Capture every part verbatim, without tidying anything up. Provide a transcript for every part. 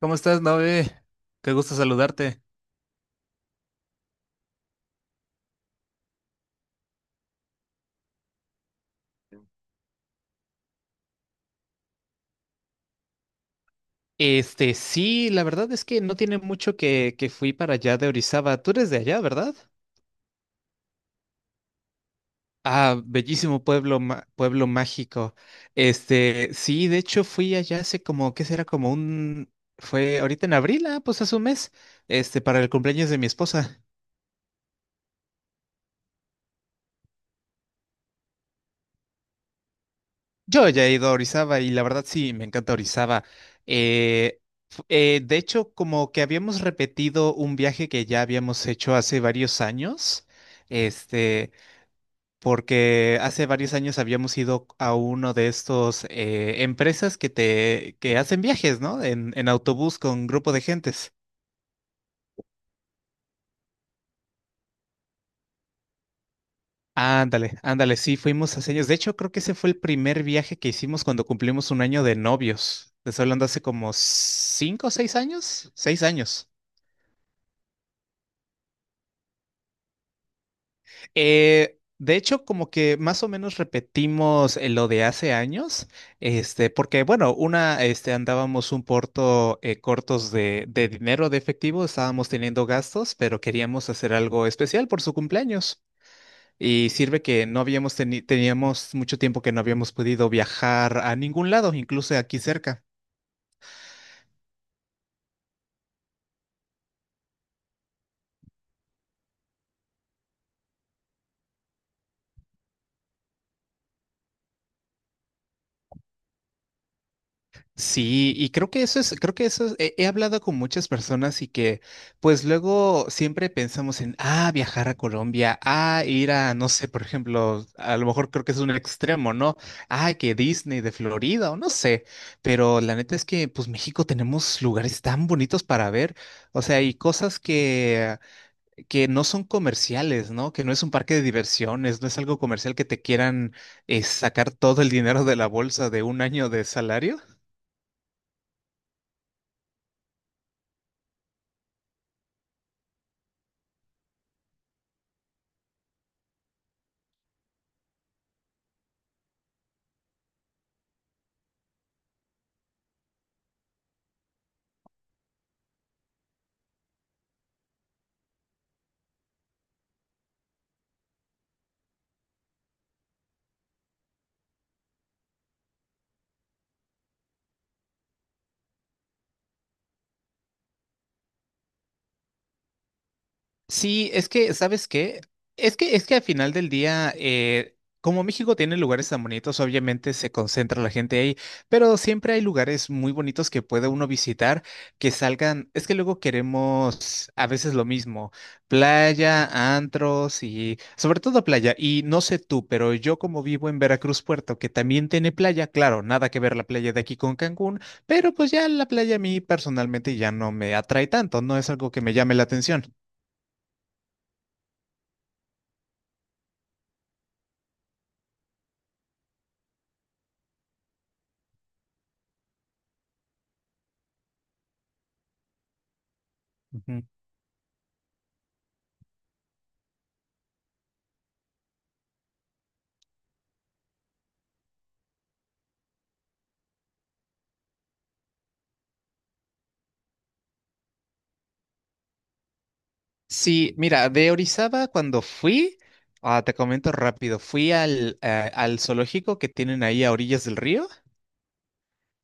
¿Cómo estás, Nove? Qué gusto saludarte. Este, sí, la verdad es que no tiene mucho que, que fui para allá de Orizaba. Tú eres de allá, ¿verdad? Ah, bellísimo pueblo, ma- pueblo mágico. Este, sí, de hecho fui allá hace como, ¿qué será? Como un... Fue ahorita en abril, ah, pues hace un mes, este, para el cumpleaños de mi esposa. Yo ya he ido a Orizaba y la verdad sí, me encanta Orizaba. Eh, f- eh, de hecho, como que habíamos repetido un viaje que ya habíamos hecho hace varios años, este, porque hace varios años habíamos ido a uno de estos eh, empresas que te que hacen viajes, ¿no? En, en autobús con grupo de gentes. Ándale, ándale, sí, fuimos hace años. De hecho, creo que ese fue el primer viaje que hicimos cuando cumplimos un año de novios. Te estoy hablando hace como cinco o seis años, seis años. Eh, de hecho, como que más o menos repetimos eh, lo de hace años, este, porque bueno, una, este, andábamos un porto eh, cortos de, de dinero de efectivo, estábamos teniendo gastos, pero queríamos hacer algo especial por su cumpleaños. Y sirve que no habíamos teni- teníamos mucho tiempo que no habíamos podido viajar a ningún lado, incluso aquí cerca. Sí, y creo que eso es, creo que eso es, he, he hablado con muchas personas y que pues luego siempre pensamos en ah, viajar a Colombia, ah, ir a, no sé, por ejemplo, a lo mejor creo que es un extremo, ¿no? Ah, que Disney de Florida o no sé, pero la neta es que pues México tenemos lugares tan bonitos para ver, o sea, y cosas que, que no son comerciales, ¿no? Que no es un parque de diversiones, no es algo comercial que te quieran eh, sacar todo el dinero de la bolsa de un año de salario. Sí, es que, ¿sabes qué? Es que, es que al final del día, eh, como México tiene lugares tan bonitos, obviamente se concentra la gente ahí, pero siempre hay lugares muy bonitos que puede uno visitar que salgan. Es que luego queremos a veces lo mismo, playa, antros y sobre todo playa. Y no sé tú, pero yo como vivo en Veracruz Puerto, que también tiene playa, claro, nada que ver la playa de aquí con Cancún, pero pues ya la playa a mí personalmente ya no me atrae tanto, no es algo que me llame la atención. Sí, mira, de Orizaba cuando fui, ah, te comento rápido, fui al, eh, al zoológico que tienen ahí a orillas del río,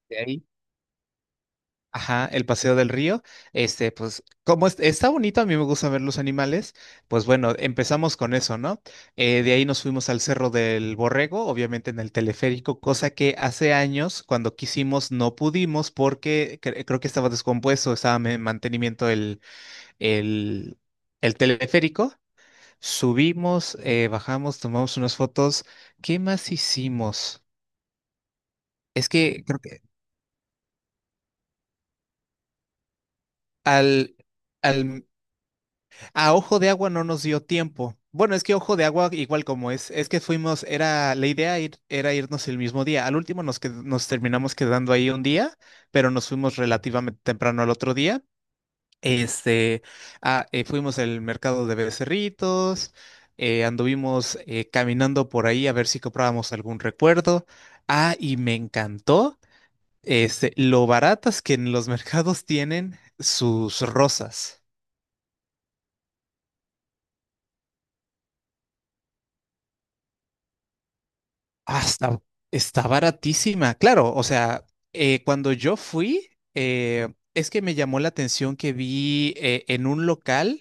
de ahí, ajá, el paseo del río, este, pues como es- está bonito, a mí me gusta ver los animales, pues bueno, empezamos con eso, ¿no? Eh, de ahí nos fuimos al Cerro del Borrego, obviamente en el teleférico, cosa que hace años cuando quisimos no pudimos porque cre- creo que estaba descompuesto, estaba en mantenimiento el, el, el teleférico. Subimos, eh, bajamos, tomamos unas fotos. ¿Qué más hicimos? Es que creo que al, al, a Ojo de Agua no nos dio tiempo. Bueno, es que Ojo de Agua, igual como es, es que fuimos, era, la idea ir- era irnos el mismo día. Al último nos, qued- nos terminamos quedando ahí un día, pero nos fuimos relativamente temprano al otro día. Este, ah, eh, fuimos al mercado de Becerritos, eh, anduvimos eh, caminando por ahí a ver si comprábamos algún recuerdo. Ah, y me encantó, este, lo baratas que en los mercados tienen sus rosas. Ah, está, está baratísima. Claro, o sea, eh, cuando yo fui, eh, es que me llamó la atención que vi eh, en un local,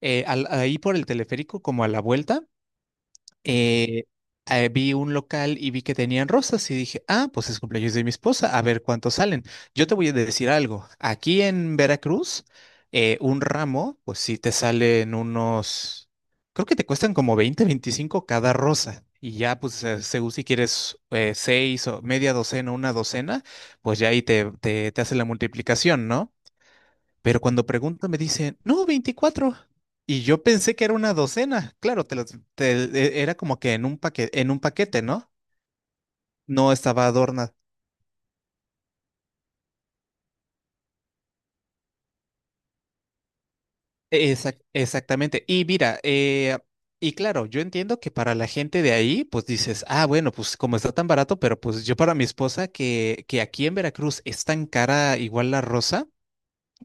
eh, al- ahí por el teleférico, como a la vuelta eh, eh, vi un local y vi que tenían rosas y dije, ah, pues es cumpleaños de mi esposa, a ver cuántos salen. Yo te voy a decir algo, aquí en Veracruz, eh, un ramo, pues sí te salen unos, creo que te cuestan como veinte veinticinco cada rosa. Y ya, pues, eh, según si quieres eh, seis o media docena, una docena, pues ya ahí te, te, te hace la multiplicación, ¿no? Pero cuando pregunto me dicen, no, veinticuatro. Y yo pensé que era una docena. Claro, te las- te- e- era como que en un paquete, en un paquete, ¿no? No estaba adornada. Exac- exactamente. Y mira, eh, y claro, yo entiendo que para la gente de ahí, pues dices, ah, bueno, pues como está tan barato, pero pues yo para mi esposa, que, que aquí en Veracruz es tan cara igual la rosa,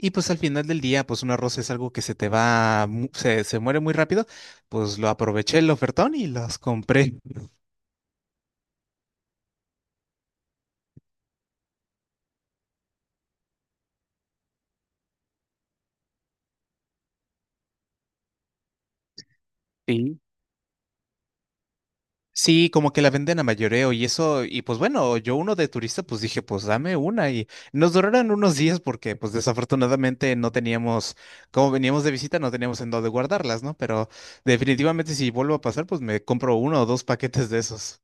y pues al final del día, pues una rosa es algo que se te va, mu- se, se muere muy rápido, pues lo aproveché el ofertón y las compré. Sí. Sí, como que la venden a mayoreo y eso, y pues bueno, yo uno de turista, pues dije, pues dame una y nos duraron unos días porque pues desafortunadamente no teníamos, como veníamos de visita, no teníamos en dónde guardarlas, ¿no? Pero definitivamente si vuelvo a pasar, pues me compro uno o dos paquetes de esos.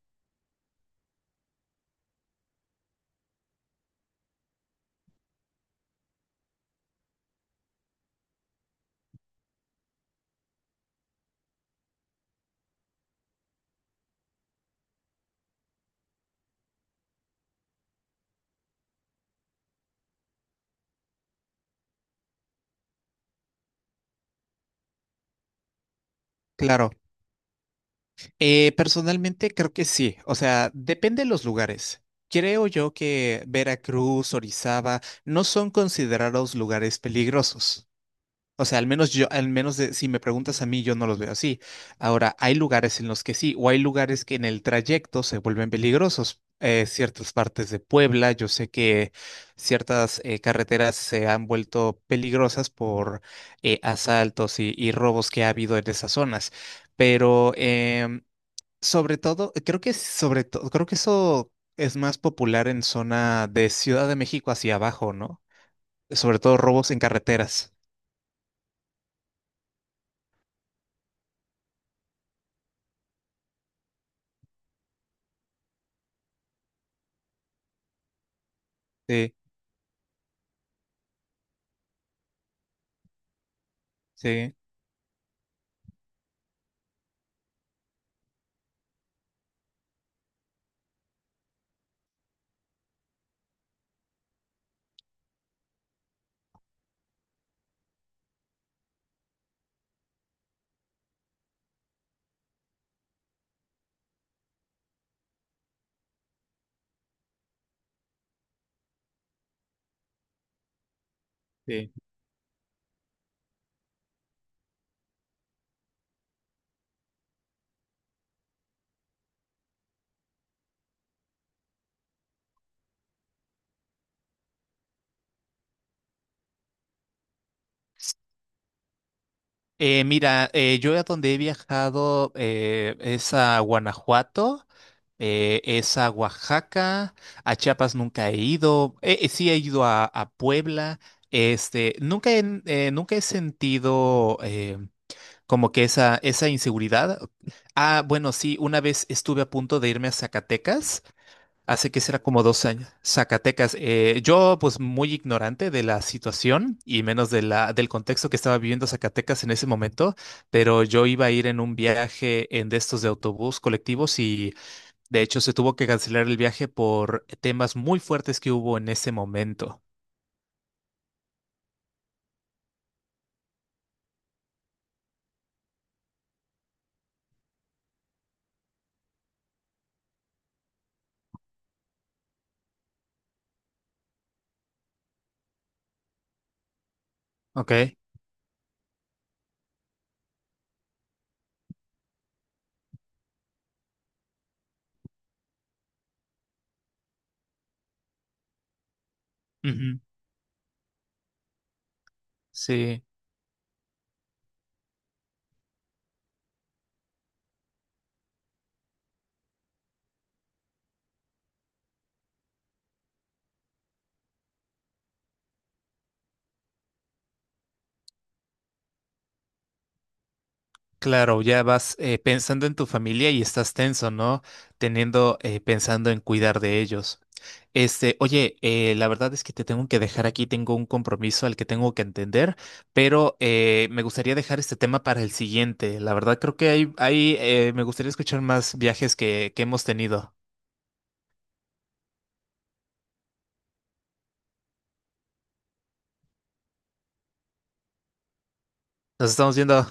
Claro, eh, personalmente creo que sí, o sea, depende de los lugares. Creo yo que Veracruz, Orizaba, no son considerados lugares peligrosos. O sea, al menos yo, al menos de- si me preguntas a mí, yo no los veo así. Ahora, hay lugares en los que sí, o hay lugares que en el trayecto se vuelven peligrosos. Eh, ciertas partes de Puebla, yo sé que ciertas eh, carreteras se han vuelto peligrosas por eh, asaltos y, y robos que ha habido en esas zonas. Pero em, sobre todo, creo que sobre todo, creo que eso es más popular en zona de Ciudad de México hacia abajo, ¿no? Sobre todo robos en carreteras. Sí, sí. Sí. Eh, mira, eh, yo a donde he viajado eh, es a Guanajuato, eh, es a Oaxaca, a Chiapas nunca he ido, eh, eh, sí he ido a, a Puebla, este, nunca he, eh, nunca he sentido eh, como que esa, esa inseguridad. Ah, bueno, sí, una vez estuve a punto de irme a Zacatecas. Hace que será como dos años. Zacatecas. Eh, yo, pues, muy ignorante de la situación y menos de la, del contexto que estaba viviendo Zacatecas en ese momento, pero yo iba a ir en un viaje en de estos de autobús colectivos y de hecho se tuvo que cancelar el viaje por temas muy fuertes que hubo en ese momento. Ok. Ujú. Sí. Claro, ya vas eh, pensando en tu familia y estás tenso, ¿no? Teniendo, eh, pensando en cuidar de ellos. Este, oye, eh, la verdad es que te tengo que dejar aquí, tengo un compromiso al que tengo que entender, pero eh, me gustaría dejar este tema para el siguiente. La verdad creo que hay, hay, eh, me gustaría escuchar más viajes que, que hemos tenido. Nos estamos viendo.